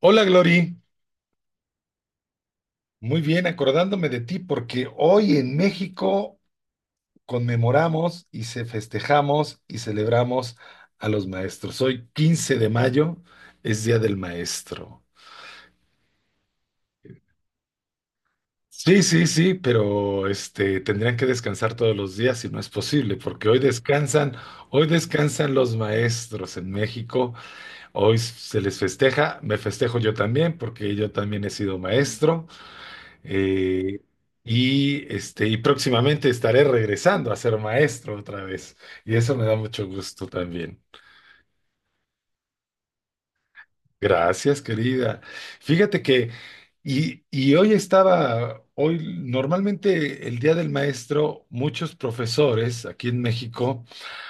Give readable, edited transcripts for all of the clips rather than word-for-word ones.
Hola Glory, muy bien, acordándome de ti porque hoy en México conmemoramos y se festejamos y celebramos a los maestros. Hoy 15 de mayo es Día del Maestro. Sí, sí, sí, pero tendrían que descansar todos los días y no es posible porque hoy descansan los maestros en México. Hoy se les festeja, me festejo yo también porque yo también he sido maestro. Eh, y próximamente estaré regresando a ser maestro otra vez. Y eso me da mucho gusto también. Gracias, querida. Fíjate que, y hoy normalmente, el Día del Maestro, muchos profesores aquí en México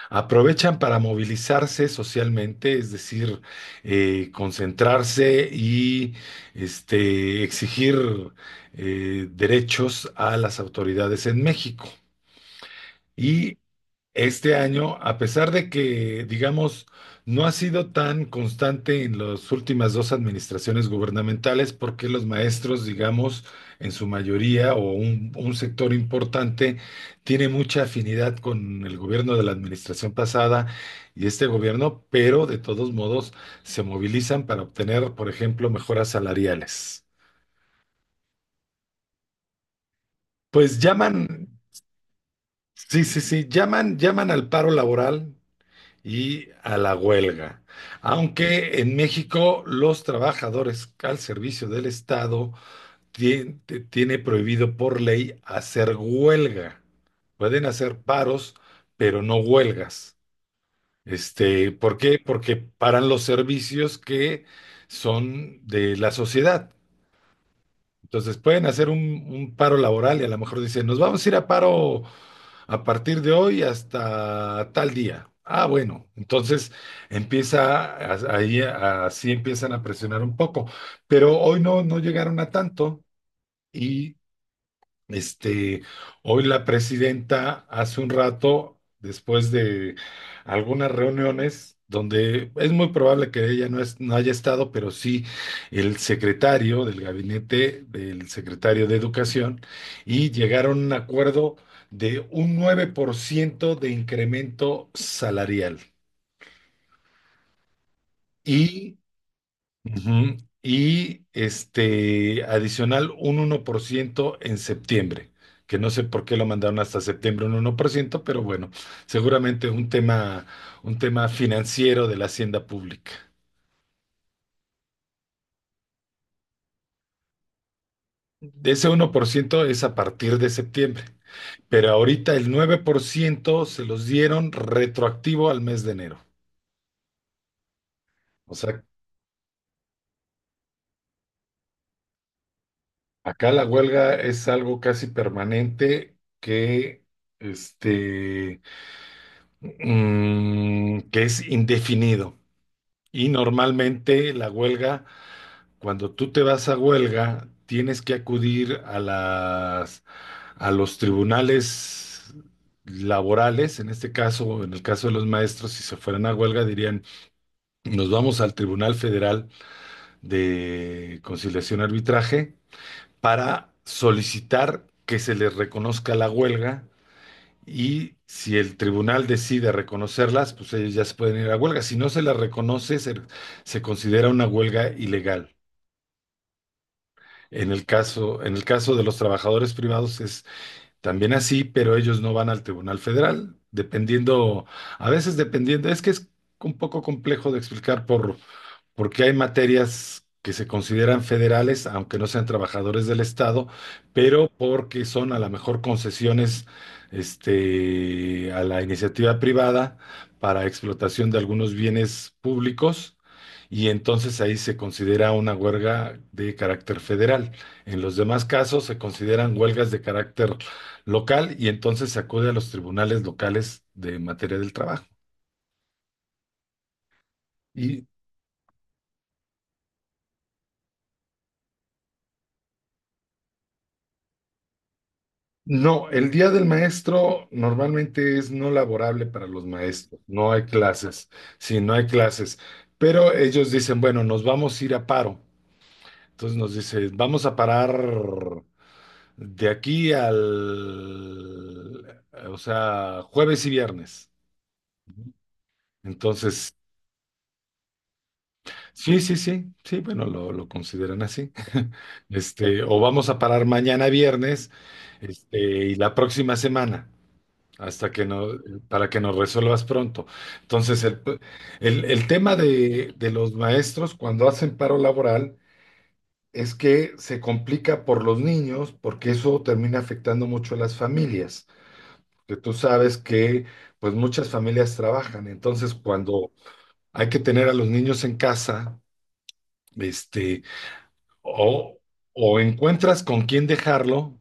aprovechan para movilizarse socialmente, es decir, concentrarse y exigir derechos a las autoridades en México. Y este año, a pesar de que, digamos, no ha sido tan constante en las últimas dos administraciones gubernamentales, porque los maestros, digamos, en su mayoría o un sector importante, tiene mucha afinidad con el gobierno de la administración pasada y este gobierno, pero de todos modos se movilizan para obtener, por ejemplo, mejoras salariales. Pues llaman, sí, sí, sí, llaman al paro laboral y a la huelga. Aunque en México los trabajadores al servicio del Estado tiene prohibido por ley hacer huelga. Pueden hacer paros, pero no huelgas. ¿Por qué? Porque paran los servicios que son de la sociedad. Entonces pueden hacer un paro laboral y a lo mejor dicen, nos vamos a ir a paro a partir de hoy hasta tal día. Ah, bueno, entonces ahí, así empiezan a presionar un poco, pero hoy no, no llegaron a tanto y este, hoy la presidenta hace un rato, después de algunas reuniones, donde es muy probable que ella no, no haya estado, pero sí el secretario del gabinete del secretario de Educación, y llegaron a un acuerdo de un 9% de incremento salarial. Y Ujú. Y adicional un uno por ciento en septiembre, que no sé por qué lo mandaron hasta septiembre un uno por ciento, pero bueno, seguramente un tema financiero de la hacienda pública. De Ese uno por ciento es a partir de septiembre, pero ahorita el 9% se los dieron retroactivo al mes de enero. O sea, acá la huelga es algo casi permanente que este que es indefinido. Y normalmente la huelga, cuando tú te vas a huelga, tienes que acudir a a los tribunales laborales, en este caso, en el caso de los maestros, si se fueran a huelga, dirían, nos vamos al Tribunal Federal de Conciliación y Arbitraje para solicitar que se les reconozca la huelga, y si el tribunal decide reconocerlas, pues ellos ya se pueden ir a huelga. Si no se las reconoce, se considera una huelga ilegal. En el caso de los trabajadores privados es también así, pero ellos no van al Tribunal Federal, dependiendo, a veces dependiendo, es que es un poco complejo de explicar porque hay materias que se consideran federales, aunque no sean trabajadores del Estado, pero porque son a lo mejor concesiones a la iniciativa privada para explotación de algunos bienes públicos, y entonces ahí se considera una huelga de carácter federal. En los demás casos se consideran huelgas de carácter local y entonces se acude a los tribunales locales de materia del trabajo. Y no, el día del maestro normalmente es no laborable para los maestros, no hay clases, sí, no hay clases, pero ellos dicen, bueno, nos vamos a ir a paro. Entonces nos dicen, vamos a parar de aquí al, o sea, jueves y viernes. Entonces, sí, sí, sí, sí, bueno, lo consideran así. O vamos a parar mañana viernes, y la próxima semana. Hasta que no, para que nos resuelvas pronto. Entonces, el tema de los maestros cuando hacen paro laboral es que se complica por los niños, porque eso termina afectando mucho a las familias. Que tú sabes que, pues, muchas familias trabajan. Entonces, cuando hay que tener a los niños en casa, este, o, o encuentras con quién dejarlo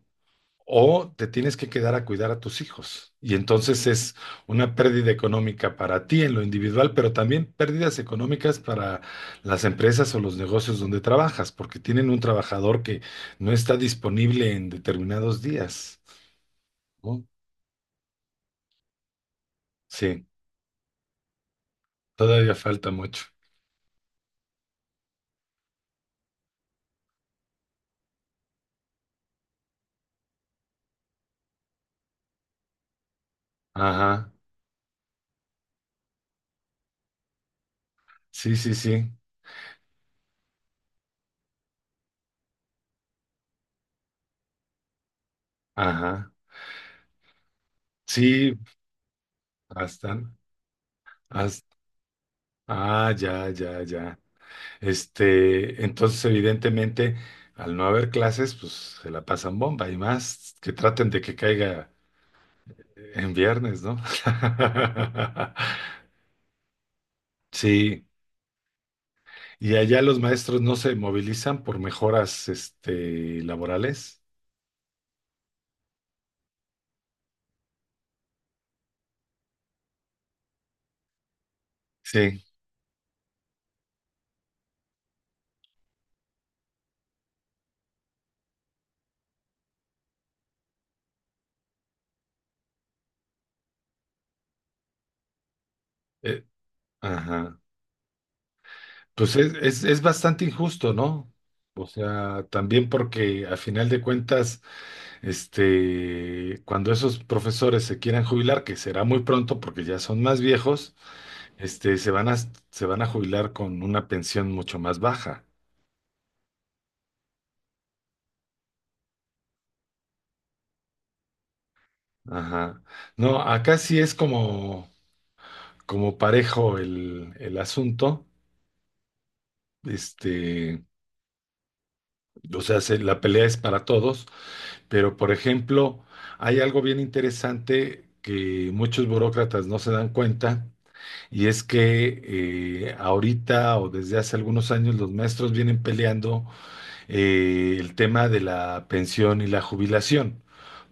o te tienes que quedar a cuidar a tus hijos. Y entonces es una pérdida económica para ti en lo individual, pero también pérdidas económicas para las empresas o los negocios donde trabajas, porque tienen un trabajador que no está disponible en determinados días, ¿no? Sí, todavía falta mucho. Ajá, sí, sí, sí, ajá, sí, hasta, hasta, ah, ya, ya, ya. Entonces, evidentemente, al no haber clases, pues se la pasan bomba y más que traten de que caiga en viernes, ¿no? Sí, y allá los maestros no se movilizan por mejoras, laborales. Sí, eh, ajá. Pues es bastante injusto, ¿no? O sea, también porque a final de cuentas, cuando esos profesores se quieran jubilar, que será muy pronto porque ya son más viejos. Este, se van a, se van a jubilar con una pensión mucho más baja. Ajá. No, acá sí es como, como parejo el asunto. Este, o sea, la pelea es para todos, pero por ejemplo, hay algo bien interesante que muchos burócratas no se dan cuenta, y es que ahorita, o desde hace algunos años, los maestros vienen peleando el tema de la pensión y la jubilación.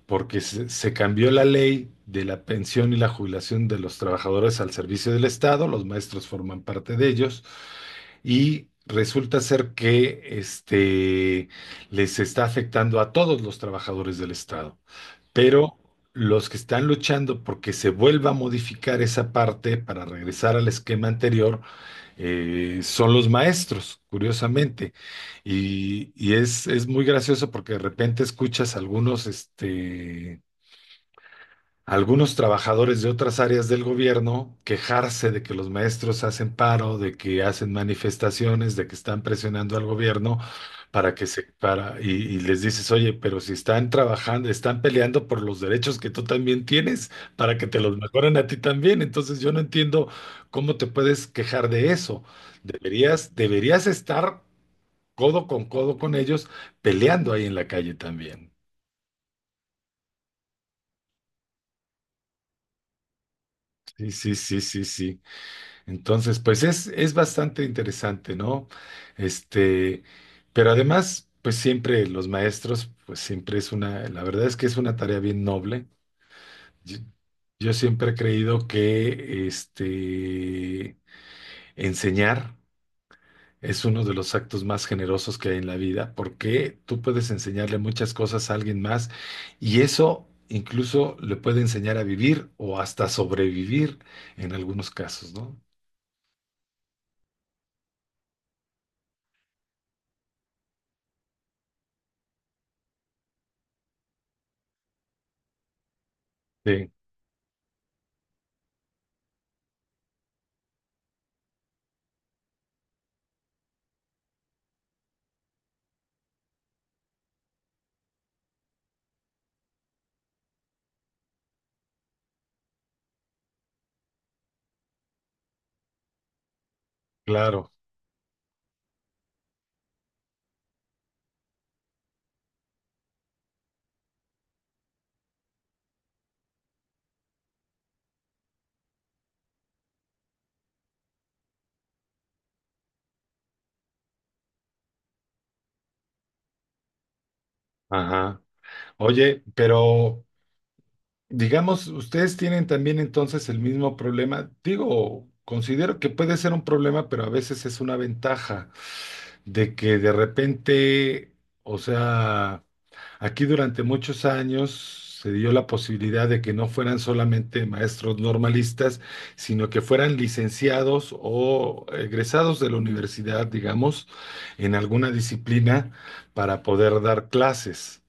Porque se cambió la ley de la pensión y la jubilación de los trabajadores al servicio del Estado, los maestros forman parte de ellos, y resulta ser que les está afectando a todos los trabajadores del Estado. Pero los que están luchando porque se vuelva a modificar esa parte para regresar al esquema anterior son los maestros, curiosamente. Y es muy gracioso porque de repente escuchas algunos trabajadores de otras áreas del gobierno quejarse de que los maestros hacen paro, de que hacen manifestaciones, de que están presionando al gobierno para que se para y les dices, oye, pero si están trabajando, están peleando por los derechos que tú también tienes para que te los mejoren a ti también. Entonces yo no entiendo cómo te puedes quejar de eso. Deberías, deberías estar codo con ellos peleando ahí en la calle también. Sí, sí, sí, sí, sí. Entonces, pues es bastante interesante, ¿no? Este, pero además, pues siempre los maestros, pues siempre es una, la verdad es que es una tarea bien noble. Yo, yo siempre he creído que enseñar es uno de los actos más generosos que hay en la vida, porque tú puedes enseñarle muchas cosas a alguien más y eso incluso le puede enseñar a vivir o hasta sobrevivir en algunos casos, ¿no? Sí, claro. Ajá. Oye, pero digamos, ustedes tienen también entonces el mismo problema. Digo, considero que puede ser un problema, pero a veces es una ventaja de que de repente, o sea, aquí durante muchos años se dio la posibilidad de que no fueran solamente maestros normalistas, sino que fueran licenciados o egresados de la universidad, digamos, en alguna disciplina para poder dar clases.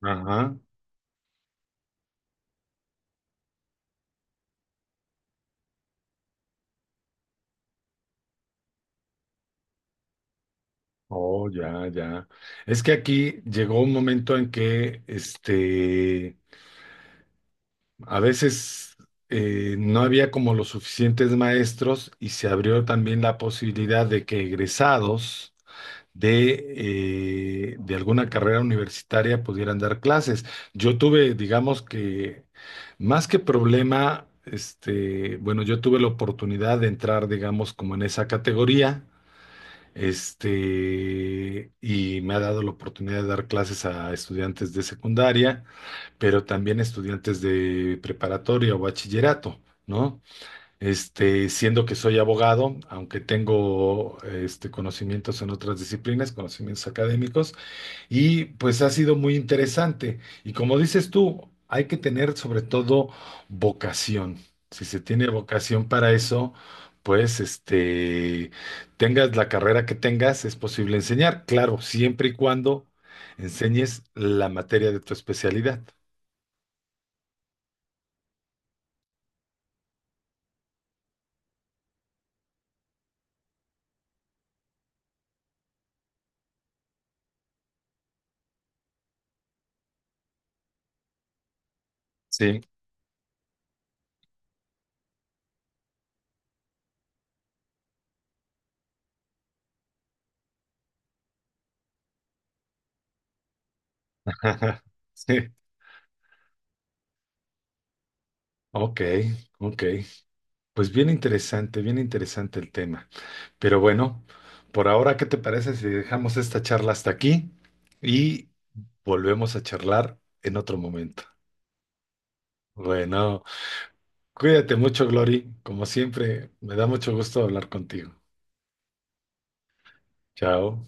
Ajá. Oh, ya, ya. Es que aquí llegó un momento en que, a veces no había como los suficientes maestros, y se abrió también la posibilidad de que egresados de alguna carrera universitaria pudieran dar clases. Yo tuve, digamos que, más que problema, bueno, yo tuve la oportunidad de entrar, digamos, como en esa categoría, y me ha dado la oportunidad de dar clases a estudiantes de secundaria, pero también estudiantes de preparatoria o bachillerato, ¿no? Siendo que soy abogado, aunque tengo conocimientos en otras disciplinas, conocimientos académicos, y pues ha sido muy interesante. Y como dices tú, hay que tener sobre todo vocación. Si se tiene vocación para eso, pues tengas la carrera que tengas, es posible enseñar. Claro, siempre y cuando enseñes la materia de tu especialidad. Sí. Sí. Ok, ok. Pues bien interesante el tema. Pero bueno, por ahora, ¿qué te parece si dejamos esta charla hasta aquí y volvemos a charlar en otro momento? Bueno, cuídate mucho, Glory. Como siempre, me da mucho gusto hablar contigo. Chao.